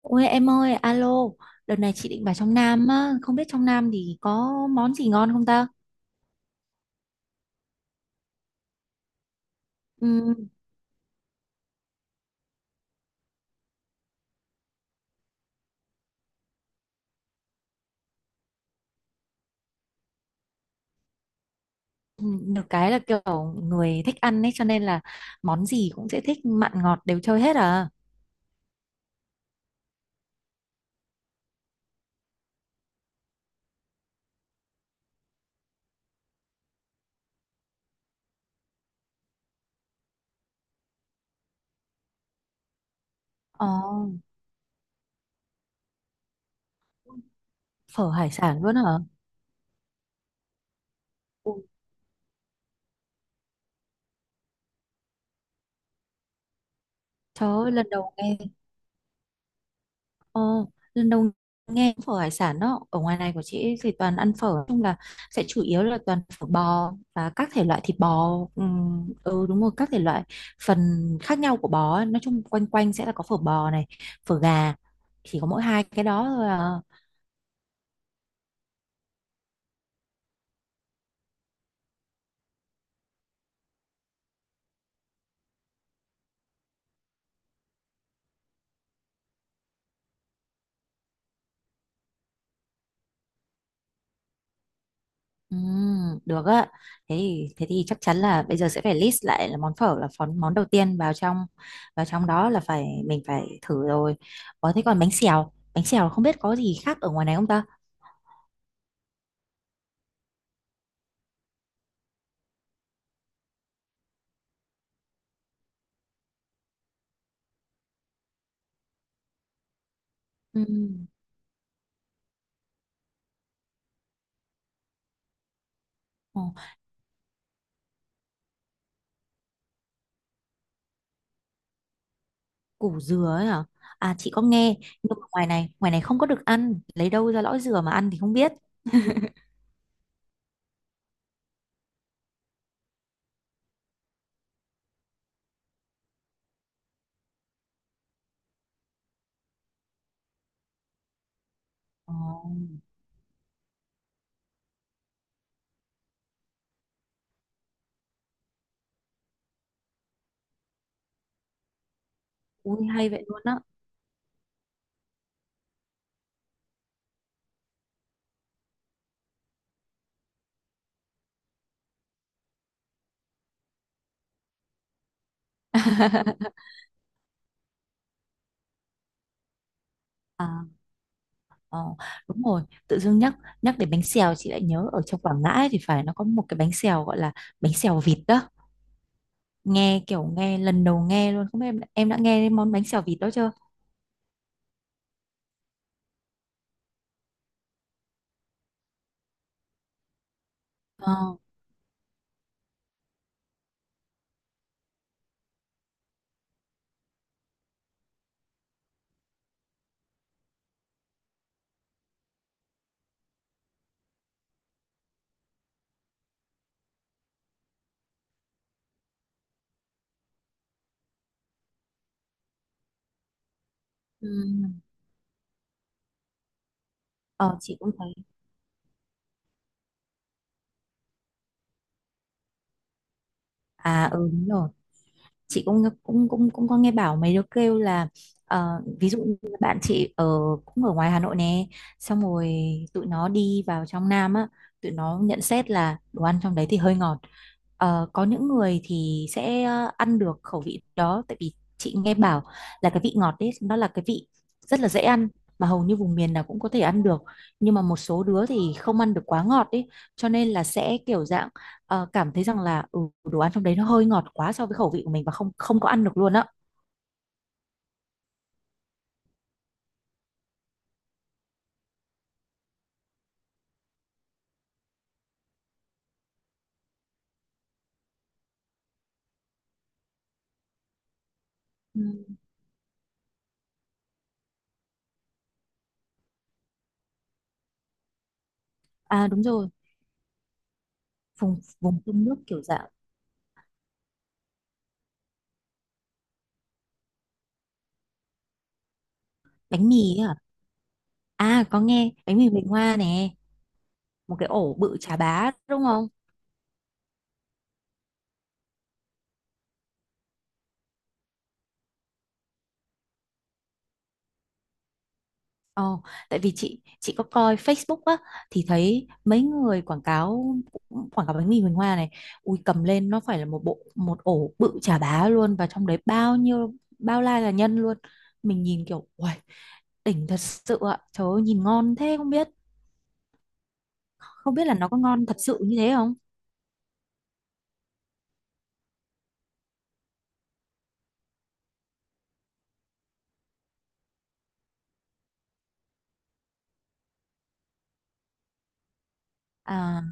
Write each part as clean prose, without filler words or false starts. Ôi em ơi, alo, đợt này chị định vào trong Nam á, không biết trong Nam thì có món gì ngon không ta? Ừm, được cái là kiểu người thích ăn ấy cho nên là món gì cũng sẽ thích mặn ngọt đều chơi hết à. Ồ, phở hải sản luôn hả? Ui, trời ơi, lần đầu nghe. Ồ, lần đầu nghe phở hải sản đó. Ở ngoài này của chị thì toàn ăn phở, nói chung là sẽ chủ yếu là toàn phở bò và các thể loại thịt bò. Ừ đúng rồi, các thể loại phần khác nhau của bò ấy. Nói chung quanh quanh sẽ là có phở bò này, phở gà, chỉ có mỗi hai cái đó thôi à. Được á, thế thì chắc chắn là bây giờ sẽ phải list lại là món phở là món món đầu tiên vào trong, vào trong đó là phải mình phải thử rồi. Ủa thế còn bánh xèo không biết có gì khác ở ngoài này không ta? Ừ. Ồ, củ dừa ấy hả? À chị có nghe, nhưng mà ngoài này không có được ăn, lấy đâu ra lõi dừa mà ăn thì không biết. Ồ, ui hay vậy luôn á. À, ờ, đúng rồi, tự dưng nhắc, nhắc đến bánh xèo chị lại nhớ ở trong Quảng Ngãi thì phải, nó có một cái bánh xèo gọi là bánh xèo vịt đó. Nghe kiểu nghe lần đầu nghe luôn, không biết em đã nghe đến món bánh xèo vịt đó chưa? Ờ, ừ. Ờ chị cũng thấy. À ừ đúng rồi. Chị cũng cũng cũng cũng có nghe bảo mấy đứa kêu là, ví dụ như bạn chị ở, cũng ở ngoài Hà Nội nè, xong rồi tụi nó đi vào trong Nam á, tụi nó nhận xét là đồ ăn trong đấy thì hơi ngọt. Ờ, có những người thì sẽ ăn được khẩu vị đó, tại vì chị nghe bảo là cái vị ngọt đấy nó là cái vị rất là dễ ăn, mà hầu như vùng miền nào cũng có thể ăn được, nhưng mà một số đứa thì không ăn được quá ngọt ấy, cho nên là sẽ kiểu dạng cảm thấy rằng là ừ, đồ ăn trong đấy nó hơi ngọt quá so với khẩu vị của mình và không không có ăn được luôn á. Ừ. À đúng rồi, vùng vùng sông nước kiểu dạng. Bánh mì ấy à? À, có nghe bánh mì Bình Hoa nè. Một cái ổ bự chà bá đúng không? Ồ, tại vì chị có coi Facebook á thì thấy mấy người quảng cáo, quảng cáo bánh mì Huỳnh Hoa này, ui cầm lên nó phải là một bộ, một ổ bự chà bá luôn, và trong đấy bao nhiêu, bao la là nhân luôn. Mình nhìn kiểu uầy, đỉnh thật sự ạ. Trời ơi nhìn ngon thế không biết, không biết là nó có ngon thật sự như thế không? À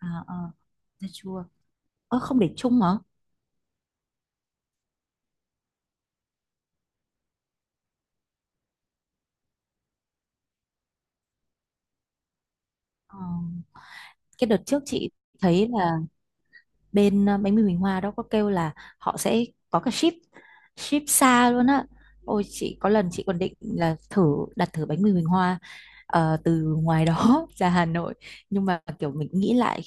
à à, dưa chua. Ơ không để chung hả? Ờ, cái đợt trước chị thấy là bên bánh mì Huỳnh Hoa đó có kêu là họ sẽ có cả ship, ship xa luôn á. Ôi chị có lần chị còn định là thử đặt thử bánh mì Huỳnh Hoa từ ngoài đó ra Hà Nội, nhưng mà kiểu mình nghĩ lại,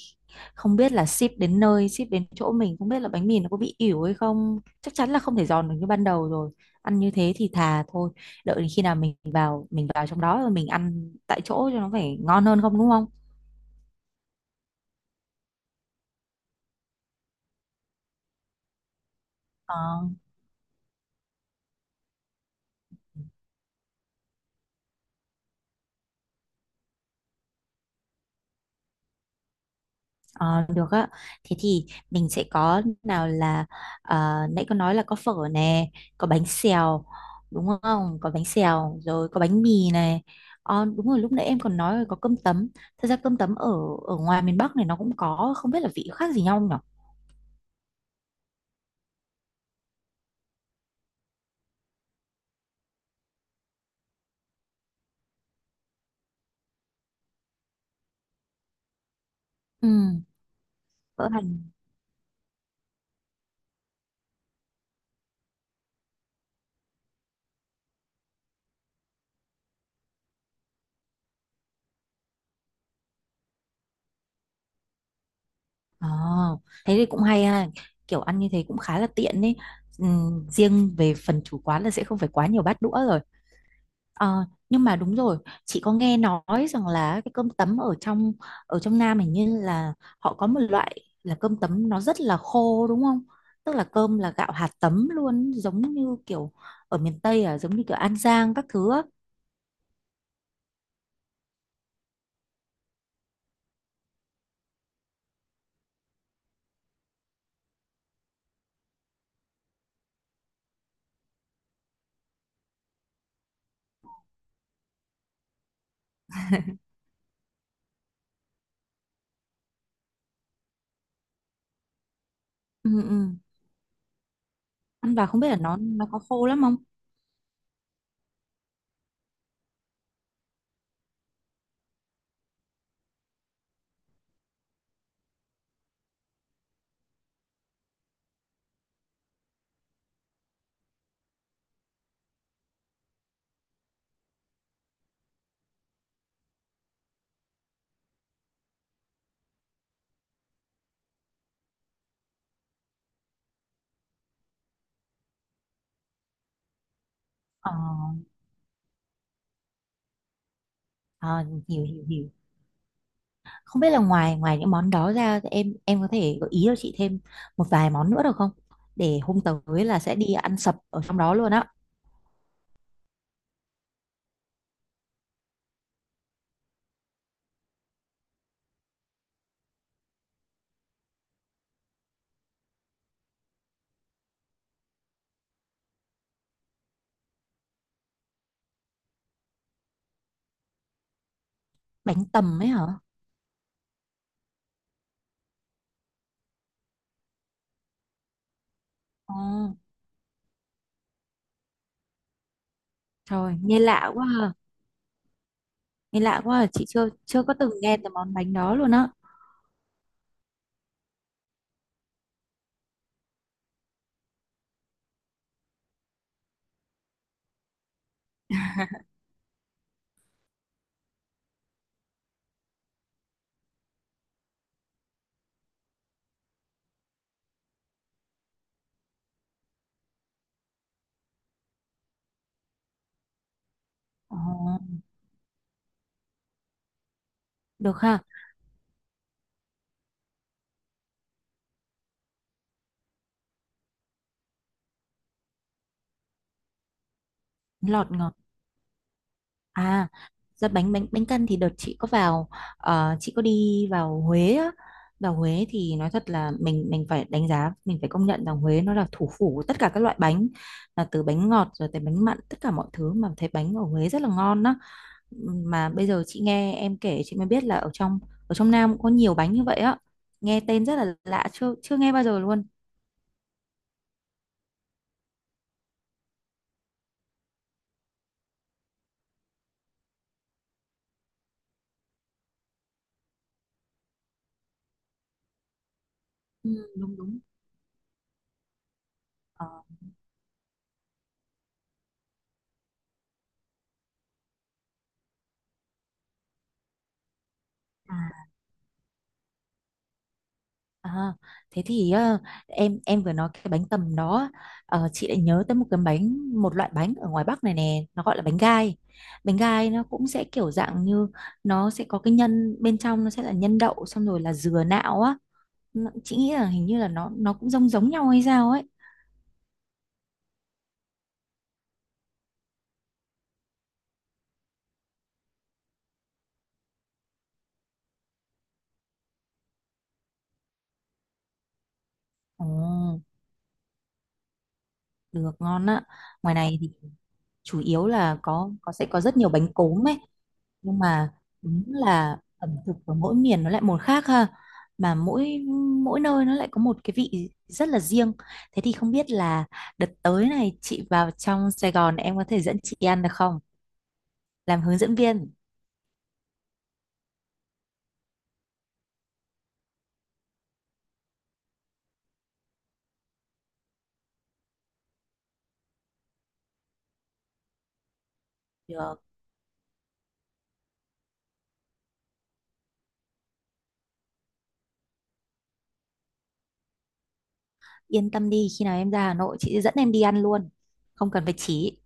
không biết là ship đến nơi, ship đến chỗ mình, không biết là bánh mì nó có bị ỉu hay không, chắc chắn là không thể giòn được như ban đầu rồi. Ăn như thế thì thà thôi, đợi đến khi nào mình vào trong đó rồi mình ăn tại chỗ cho nó phải ngon hơn không đúng không? Ờ. Ờ, được á. Thế thì mình sẽ có nào là, nãy có nói là có phở nè, có bánh xèo, đúng không? Có bánh xèo rồi, có bánh mì này. Ờ, đúng rồi lúc nãy em còn nói là có cơm tấm. Thật ra cơm tấm ở, ở ngoài miền Bắc này nó cũng có, không biết là vị khác gì nhau nhỉ? Ừ, phở hành. Ờ, thế thì cũng hay ha. Kiểu ăn như thế cũng khá là tiện ấy. Ừ, riêng về phần chủ quán là sẽ không phải quá nhiều bát đũa rồi. Ờ, nhưng mà đúng rồi, chị có nghe nói rằng là cái cơm tấm ở trong, ở trong Nam hình như là họ có một loại là cơm tấm nó rất là khô đúng không? Tức là cơm là gạo hạt tấm luôn, giống như kiểu ở miền Tây à, giống như kiểu An Giang các thứ á. Ừ, ừ. Ăn vào không biết là nó có khô lắm không? Ờ, ờ, hiểu hiểu hiểu. Không biết là ngoài ngoài những món đó ra thì em có thể gợi ý cho chị thêm một vài món nữa được không? Để hôm tới là sẽ đi ăn sập ở trong đó luôn á. Bánh tầm ấy hả? Ờ, trời, nghe lạ quá ha. Nghe lạ quá ha. Chị chưa chưa có từng nghe tới món bánh đó luôn á. Ồ, được ha. Lọt ngọt. À, ra bánh bánh bánh căn thì đợt chị có vào, chị có đi vào Huế á. Vào Huế thì nói thật là mình phải đánh giá, mình phải công nhận rằng Huế nó là thủ phủ của tất cả các loại bánh, là từ bánh ngọt rồi tới bánh mặn, tất cả mọi thứ, mà thấy bánh ở Huế rất là ngon á. Mà bây giờ chị nghe em kể chị mới biết là ở trong, ở trong Nam cũng có nhiều bánh như vậy á, nghe tên rất là lạ, chưa chưa nghe bao giờ luôn. Ừ, đúng đúng. Ờ, À, à, thế thì em vừa nói cái bánh tầm đó, chị lại nhớ tới một cái bánh, một loại bánh ở ngoài Bắc này nè, nó gọi là bánh gai. Bánh gai nó cũng sẽ kiểu dạng như, nó sẽ có cái nhân bên trong, nó sẽ là nhân đậu xong rồi là dừa nạo á. Nó- chị nghĩ là hình như là nó cũng giống giống nhau hay sao ấy. Ồ. Được ngon á. Ngoài này thì chủ yếu là có sẽ có rất nhiều bánh cốm ấy, nhưng mà đúng là ẩm thực của mỗi miền nó lại một khác ha. Mà mỗi mỗi nơi nó lại có một cái vị rất là riêng. Thế thì không biết là đợt tới này chị vào trong Sài Gòn em có thể dẫn chị đi ăn được không? Làm hướng dẫn viên. Được, yên tâm đi, khi nào em ra Hà Nội chị sẽ dẫn em đi ăn luôn. Không cần phải chỉ.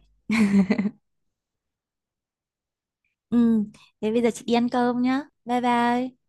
Ừ, thế bây giờ chị đi ăn cơm nhá. Bye bye.